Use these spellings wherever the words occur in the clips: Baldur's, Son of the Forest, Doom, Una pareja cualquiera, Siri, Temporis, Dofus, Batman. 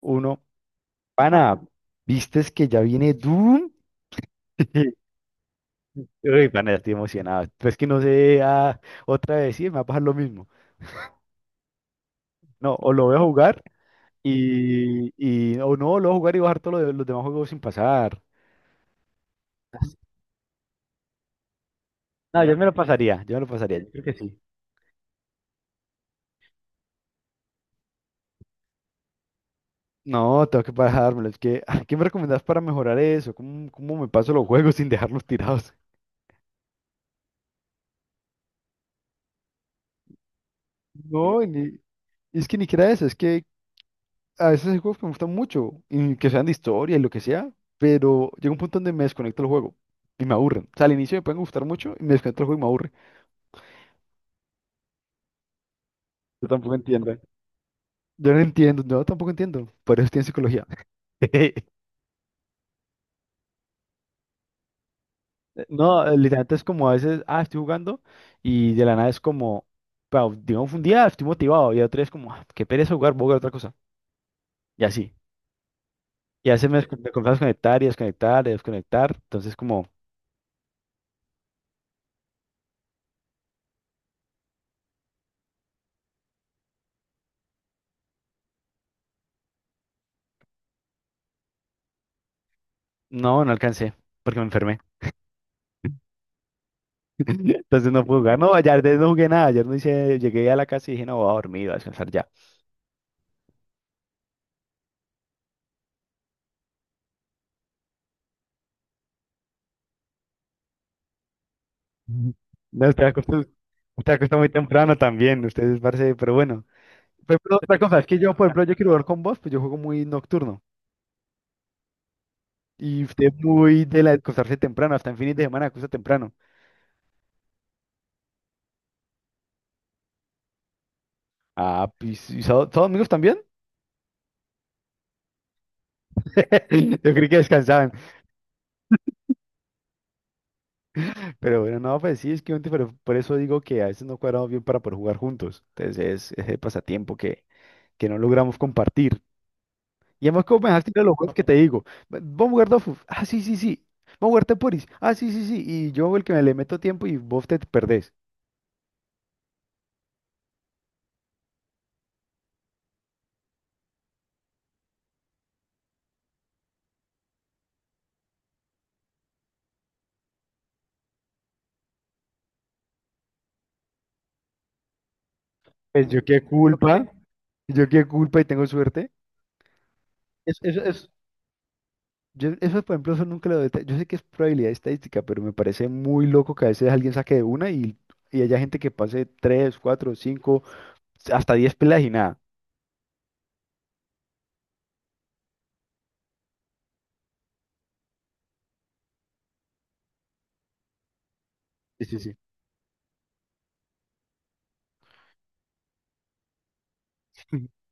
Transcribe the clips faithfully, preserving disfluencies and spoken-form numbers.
Uno, pana, ¿vistes que ya viene Doom? Uy, pana, ya estoy emocionado. Pero es que no sé ah, otra vez, sí, me va a pasar lo mismo. No, o lo voy a jugar y, y o no, lo voy a jugar y bajar todos los, los demás juegos sin pasar. No, yo me lo pasaría, yo me lo pasaría, yo creo que sí. No, tengo que bajármelo. Es que, ah, ¿qué me recomendás para mejorar eso? ¿Cómo, cómo me paso los juegos sin dejarlos tirados? No, ni- es que ni siquiera eso, es que a veces hay juegos que me gustan mucho y que sean de historia y lo que sea, pero llega un punto donde me desconecto el juego y me aburren. O sea, al inicio me pueden gustar mucho y me desconecto el juego y me aburre. Yo tampoco entiendo. Yo no entiendo, yo tampoco entiendo, por eso estoy en psicología. Eh, No, eh, literalmente es como a veces, ah, estoy jugando y de la nada es como, wow, digamos, un día estoy motivado y otro día es como, ah, qué pereza jugar, voy a jugar otra cosa. Y así. Y a veces me, descon- me comienzo a desconectar y desconectar y desconectar. Entonces como, no, no alcancé porque me enfermé. Entonces no puedo jugar. No, ayer de- no jugué nada. Ayer no hice, llegué a la casa y dije, no, voy a dormir, voy a descansar ya. Ujú. No, usted acostó, usted acostó muy temprano también, ustedes parece, pero bueno. Pero, otra cosa, es que yo, por ejemplo, yo quiero jugar con vos, pues yo juego muy nocturno. Y usted es muy de la de acostarse temprano, hasta en fines de semana acuesta temprano. Ah, pues, ¿y sábado- todos amigos también? Yo creí que descansaban. Pero bueno, no, pues sí, es que obviamente, pero por eso digo que a veces no cuadramos bien para poder jugar juntos. Entonces es ese pasatiempo que, que no logramos compartir. Y además, como me dejaste ir a los juegos que te digo, "Va- vamos a jugar Dofus, ah, sí, sí, sí, vamos a jugar Temporis, ah, sí, sí, sí, y yo el que me le meto tiempo y vos te perdés. Pues yo qué culpa, yo qué culpa y tengo suerte. Eso, eso, eso, yo- eso, por ejemplo, eso nunca lo deta- Yo sé que es probabilidad estadística, pero me parece muy loco que a veces alguien saque de una y, y haya gente que pase tres, cuatro, cinco hasta diez pelas y nada. Sí, sí, sí.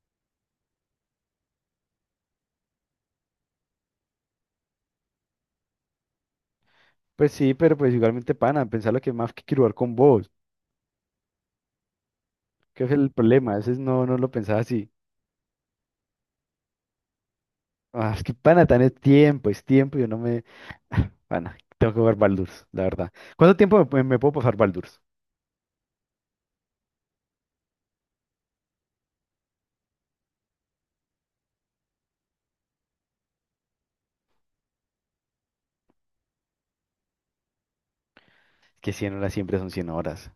Pues sí, pero pues igualmente, pana, pensar lo que más que quiero jugar con vos, que es el problema, a veces no, no lo pensaba así. Ah, es que pana, tan es tiempo, es tiempo, yo no me... Ah, pana, tengo que jugar Baldur's, la verdad. ¿Cuánto tiempo me, me puedo pasar Baldur's? Es que cien horas siempre son cien horas.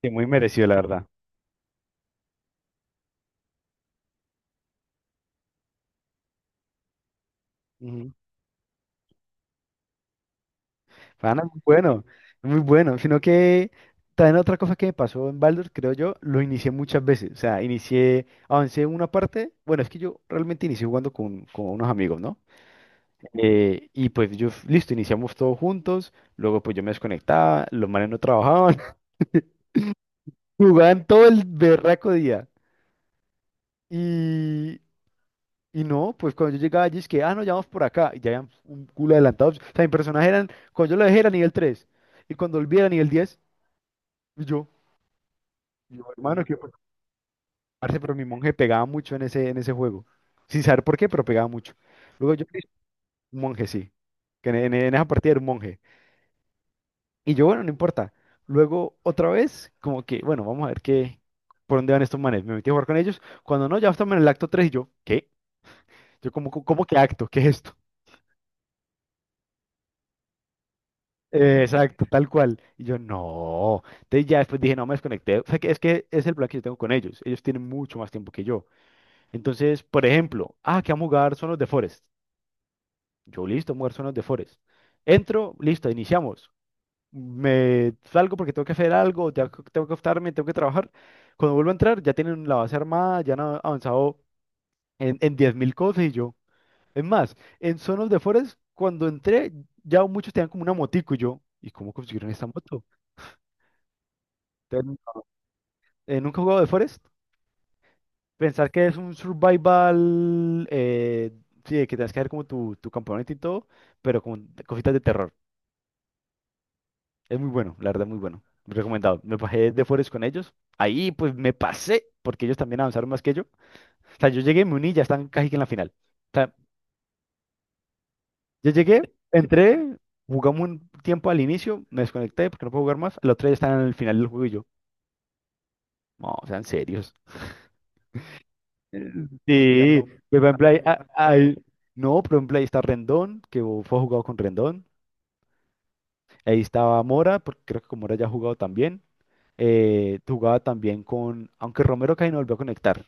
Que muy merecido, la verdad. Ujú. Pana, muy bueno, muy bueno. Sino que también otra cosa que me pasó en Baldur's, creo yo, lo inicié muchas veces. O sea, inicié, avancé una parte. Bueno, es que yo realmente inicié jugando con, con unos amigos, ¿no? Eh, y pues yo, listo, iniciamos todos juntos. Luego pues yo me desconectaba, los manes no trabajaban. Jugaban todo el berraco día. Y, y no, pues cuando yo llegaba allí es que, ah, no, ya vamos por acá. Y ya habían un culo adelantados. O sea, mi personaje eran, cuando yo lo dejé era nivel tres. Y cuando volví era nivel diez. Y yo, y yo, hermano, que pues, parce, pero mi monje pegaba mucho en ese, en ese juego. Sin saber por qué, pero pegaba mucho. Luego yo, un monje, sí. Que en, en- en esa partida era un monje. Y yo, bueno, no importa. Luego, otra vez, como que, bueno, vamos a ver qué, por dónde van estos manes. Me metí a jugar con ellos. Cuando no, ya estaban en el acto tres y yo, ¿qué? Yo como, co- ¿cómo que acto? ¿Qué es esto? Eh, exacto, tal cual. Y yo, no. Entonces ya después dije, no, me desconecté. O sea, que es que es el plan que yo tengo con ellos. Ellos tienen mucho más tiempo que yo. Entonces, por ejemplo, ah, que vamos a jugar Son los de Forest. Yo, listo, vamos a jugar Son los de Forest. Entro, listo, iniciamos. Me salgo porque tengo que hacer algo, ya c- tengo que acostarme, tengo que trabajar. Cuando vuelvo a entrar, ya tienen la base armada, ya han avanzado en, en diez mil cosas y yo. Es más, en Son of the Forest, cuando entré, ya muchos tenían como una motico y yo, ¿y cómo consiguieron esta moto? Entonces, eh, nunca he jugado de Forest. Pensar que es un survival, eh, sí, de que tienes que hacer como tu, tu campamento y todo, pero con cositas de terror. Es muy bueno, la verdad, muy bueno. Recomendado. Me bajé de Forest con ellos. Ahí pues me pasé, porque ellos también avanzaron más que yo. O sea, yo llegué, y me uní y ya están casi que en la final. O sea, yo llegué, entré, jugamos un tiempo al inicio, me desconecté porque no puedo jugar más. El otro día están en el final del juego y yo, no, sean serios. Sí, no. Pues por ejemplo, ahí- no, ahí- no, por ejemplo, ahí está Rendón, que fue jugado con Rendón. Ahí estaba Mora, porque creo que con Mora ya ha jugado también. Eh, jugaba también con, aunque Romero casi no volvió a conectar.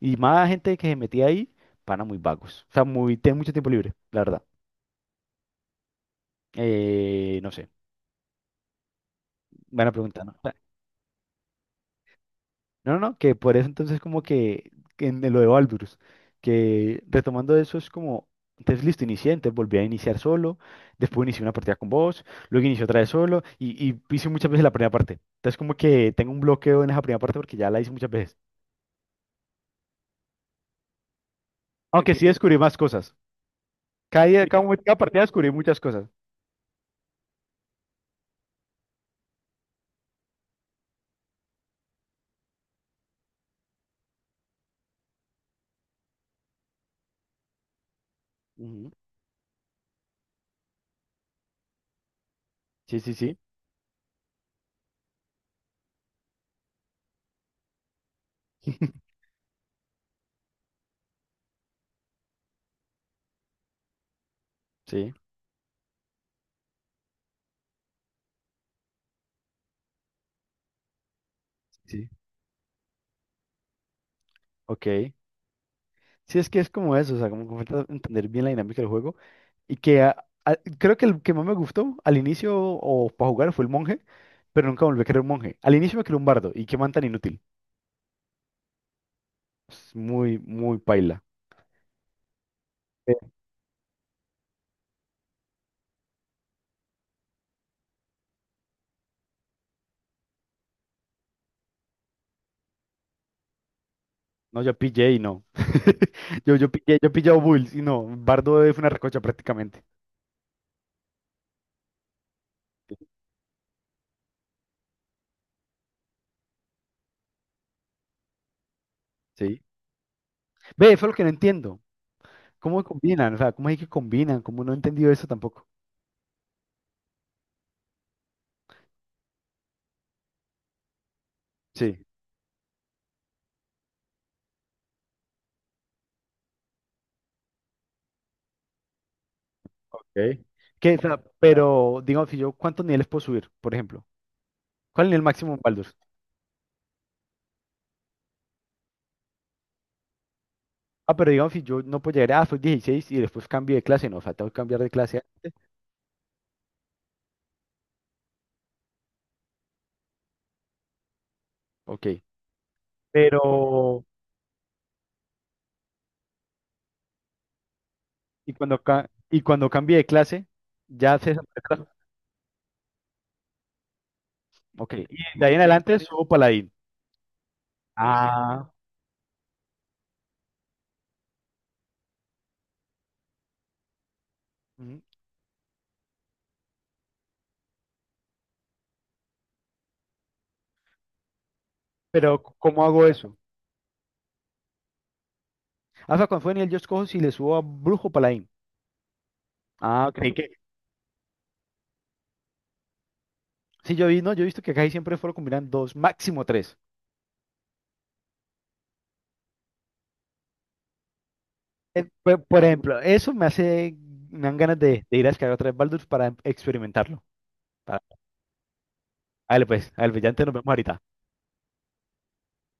Y más gente que se metía ahí, pana muy vagos. O sea, muy, tienen mucho tiempo libre, la verdad. Eh, no sé, buena pregunta, ¿no? No, no, no, que por eso entonces como que, que, en lo de Baldur's, que retomando eso es como, entonces listo, inicié, entonces volví a iniciar solo, después inicié una partida con vos, luego inicié otra vez solo y, y hice muchas veces la primera parte. Entonces como que tengo un bloqueo en esa primera parte porque ya la hice muchas veces. Aunque sí descubrí más cosas. Cada día, Sí. cada, momento- cada partida descubrí muchas cosas. Ujú. Sí, sí, sí. Sí, sí. Ok. Sí, es que es como eso, o sea, como que falta entender bien la dinámica del juego. Y que a- a- creo que el que más me gustó al inicio o para jugar fue el monje, pero nunca volví a querer un monje. Al inicio me quería un bardo y qué man tan inútil. Es muy, muy paila. Eh, No, yo pillé y no. Yo, yo pillé, yo pillé a Bulls y no. Bardo fue una recocha prácticamente. Sí. Ve, eso es lo que no entiendo. ¿Cómo combinan? O sea, ¿cómo es que combinan? Como no he entendido eso tampoco. Sí. Ok. Que, o sea, pero, digamos, si yo, ¿cuántos niveles puedo subir, por ejemplo? ¿Cuál es el máximo en Baldur's? Ah, pero digamos, si yo no puedo llegar, ah, soy dieciséis y después cambio de clase, no, o sea, tengo que cambiar de clase antes. Ok. Pero, y cuando, ca- y cuando cambie de clase, ya se desaparece la- Ok. Y de ahí en adelante subo paladín. Ah. Ujú. Pero, c- ¿cómo hago eso? Ah, o sea, cuando fue en el yo escojo si le subo a brujo o paladín. Ah, creí que. Sí, yo vi, no, yo he visto que casi siempre fueron combinan dos, máximo tres. Eh, Por, por ejemplo, eso me hace, me dan ganas de, de ir a descargar otra vez Baldur's para experimentarlo. Dale pues, al brillante nos vemos ahorita.